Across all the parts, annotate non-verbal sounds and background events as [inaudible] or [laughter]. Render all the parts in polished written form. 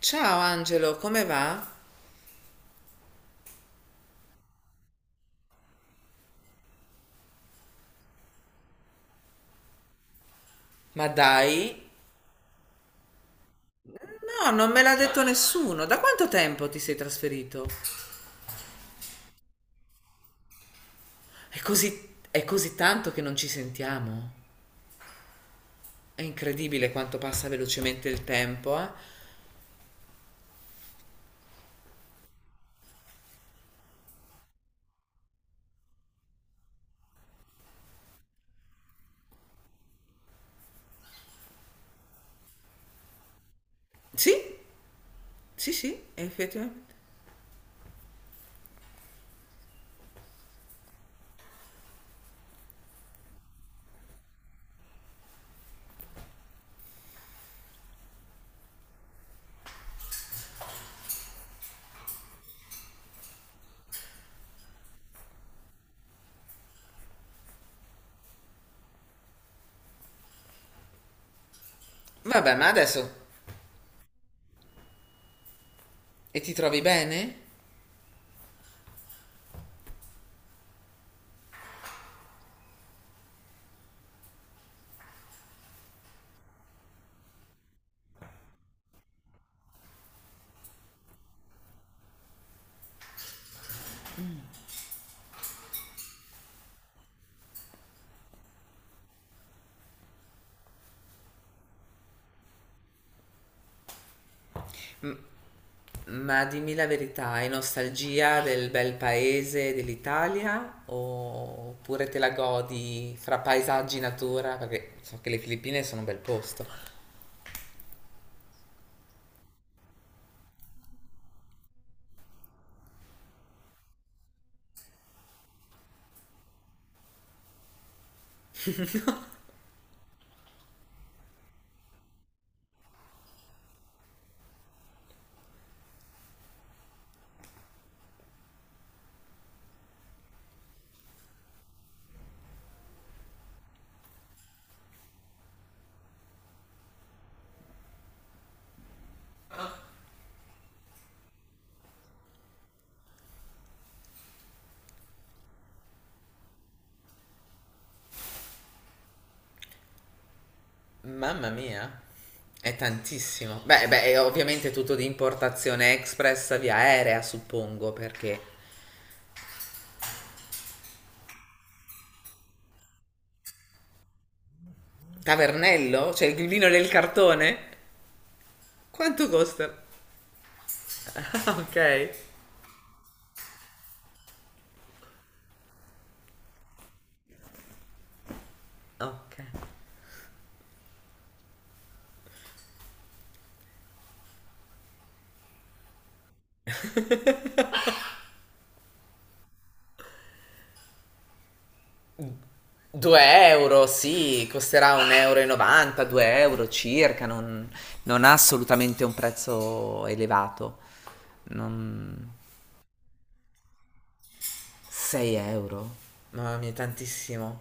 Ciao Angelo, come va? Ma dai? No, non me l'ha detto nessuno. Da quanto tempo ti sei trasferito? È così tanto che non ci sentiamo. È incredibile quanto passa velocemente il tempo, eh? Sì, sì, sì, effettivamente. Vabbè, ma adesso. E ti trovi bene? Ma dimmi la verità, hai nostalgia del bel paese dell'Italia? Oppure te la godi fra paesaggi e natura? Perché so che le Filippine sono un bel posto. Mamma mia, è tantissimo. Beh, beh, è ovviamente tutto di importazione express via aerea, suppongo, perché. Tavernello? Cioè il vino del cartone? Quanto costa? [laughs] Ah, ok, ok. 2 euro, sì, costerà 1,90 euro, 2 euro circa, non ha assolutamente un prezzo elevato. Non. 6 euro? Mamma mia, tantissimo.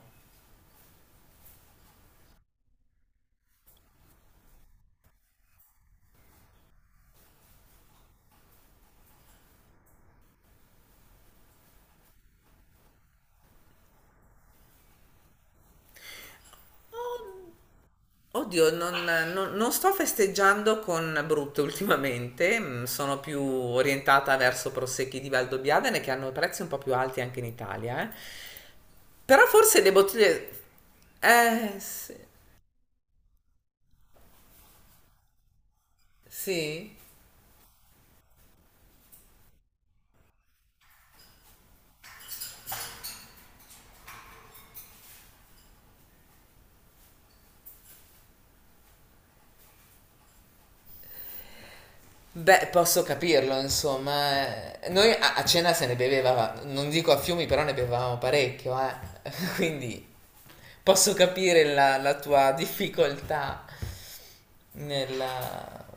Oddio, non sto festeggiando con Brut ultimamente, sono più orientata verso prosecchi di Valdobbiadene che hanno prezzi un po' più alti anche in Italia, eh. Però forse le bottiglie. Sì, sì. Beh, posso capirlo, insomma, eh. Noi a cena se ne beveva, non dico a fiumi, però ne bevevamo parecchio, eh. [laughs] Quindi posso capire la tua difficoltà nella.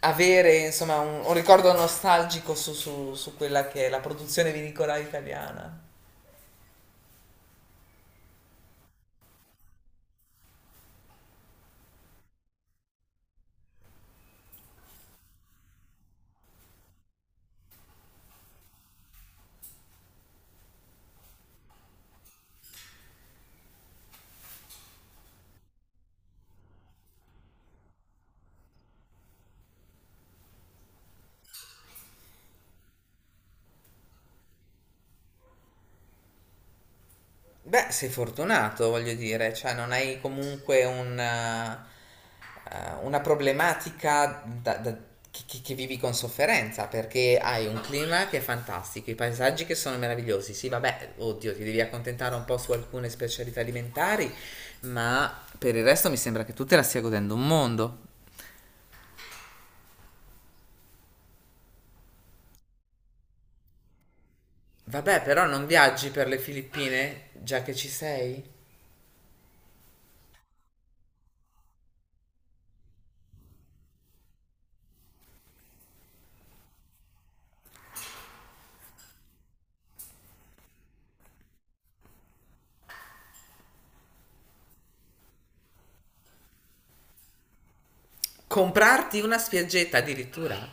Avere insomma un ricordo nostalgico su quella che è la produzione vinicola italiana? Beh, sei fortunato, voglio dire, cioè non hai comunque un una problematica che vivi con sofferenza, perché hai un clima che è fantastico, i paesaggi che sono meravigliosi. Sì, vabbè, oddio, ti devi accontentare un po' su alcune specialità alimentari, ma per il resto mi sembra che tu te la stia godendo un mondo. Vabbè, però non viaggi per le Filippine, già che ci sei? Comprarti una spiaggetta addirittura?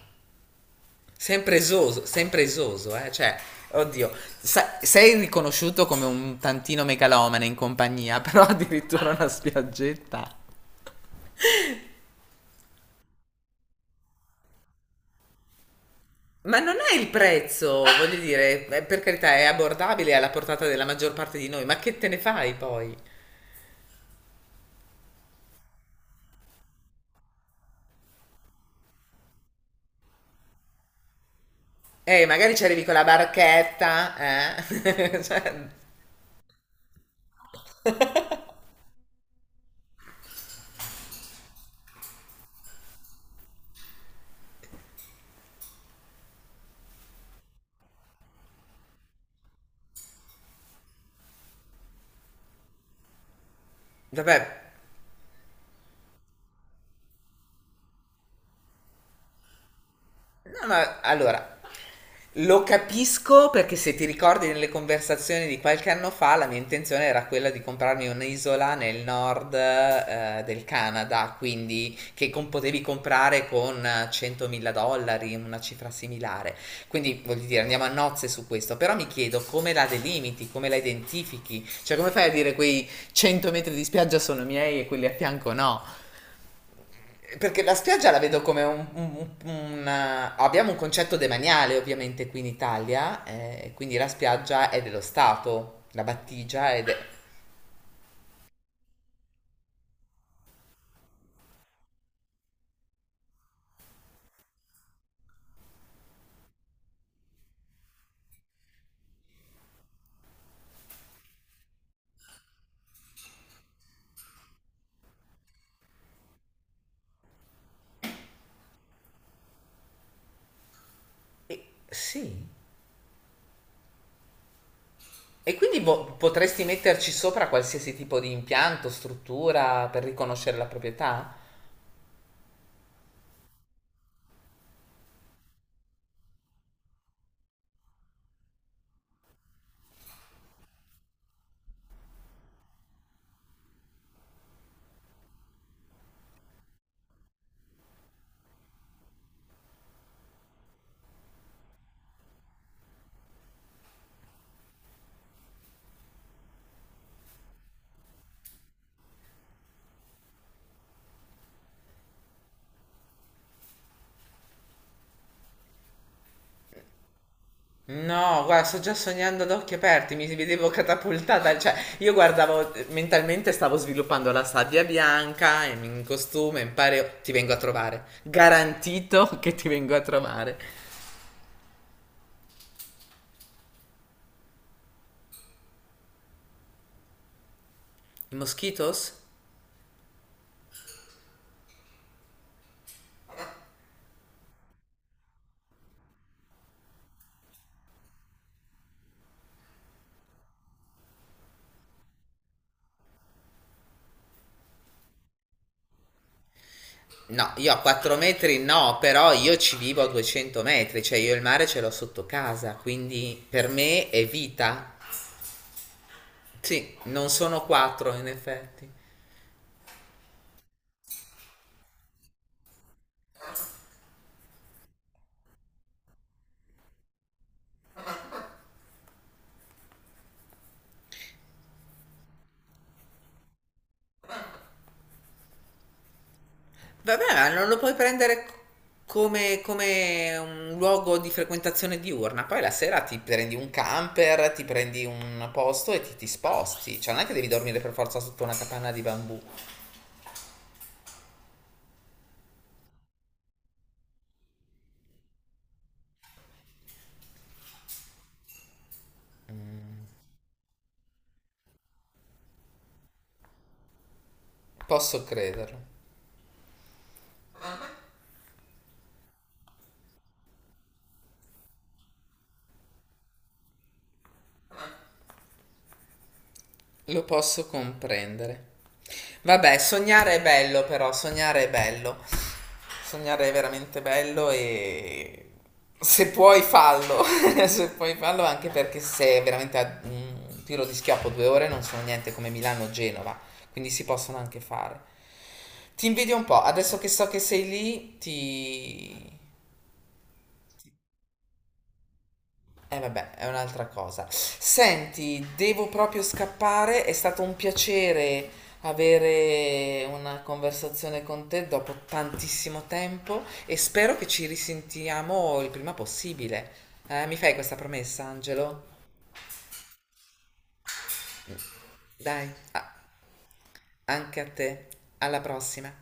Sempre esoso, eh? Cioè, oddio, sei riconosciuto come un tantino megalomane in compagnia, [laughs] però addirittura una spiaggetta. Ma non è il prezzo, voglio dire, per carità è abbordabile è alla portata della maggior parte di noi, ma che te ne fai poi? Magari ci arrivi con la barchetta, eh? [laughs] Cioè, vabbè, no, ma allora, lo capisco perché se ti ricordi nelle conversazioni di qualche anno fa, la mia intenzione era quella di comprarmi un'isola nel nord del Canada, quindi che potevi comprare con 100.000 dollari, una cifra similare. Quindi voglio dire, andiamo a nozze su questo, però mi chiedo come la delimiti, come la identifichi, cioè come fai a dire quei 100 metri di spiaggia sono miei e quelli a fianco no? Perché la spiaggia la vedo come un. Abbiamo un concetto demaniale ovviamente qui in Italia, quindi la spiaggia è dello Stato, la battigia è. Sì. E quindi potresti metterci sopra qualsiasi tipo di impianto, struttura per riconoscere la proprietà? No, guarda, sto già sognando ad occhi aperti, mi vedevo catapultata, cioè io guardavo mentalmente stavo sviluppando la sabbia bianca in costume, in pareo, ti vengo a trovare. Garantito che ti vengo a trovare. I moschitos? No, io a 4 metri no, però io ci vivo a 200 metri, cioè io il mare ce l'ho sotto casa, quindi per me è vita. Sì, non sono 4 in effetti. Vabbè, ma non lo puoi prendere come un luogo di frequentazione diurna. Poi la sera ti prendi un camper, ti prendi un posto e ti sposti. Cioè, non è che devi dormire per forza sotto una capanna di bambù. Posso crederlo. Lo posso comprendere. Vabbè, sognare è bello però, sognare è bello. Sognare è veramente bello e se puoi fallo, [laughs] se puoi fallo anche perché se è veramente a un tiro di schioppo 2 ore non sono niente come Milano o Genova, quindi si possono anche fare. Ti invidio un po', adesso che so che sei lì, ti. Eh vabbè, è un'altra cosa. Senti, devo proprio scappare, è stato un piacere avere una conversazione con te dopo tantissimo tempo e spero che ci risentiamo il prima possibile. Mi fai questa promessa, Angelo? Dai, anche a te. Alla prossima.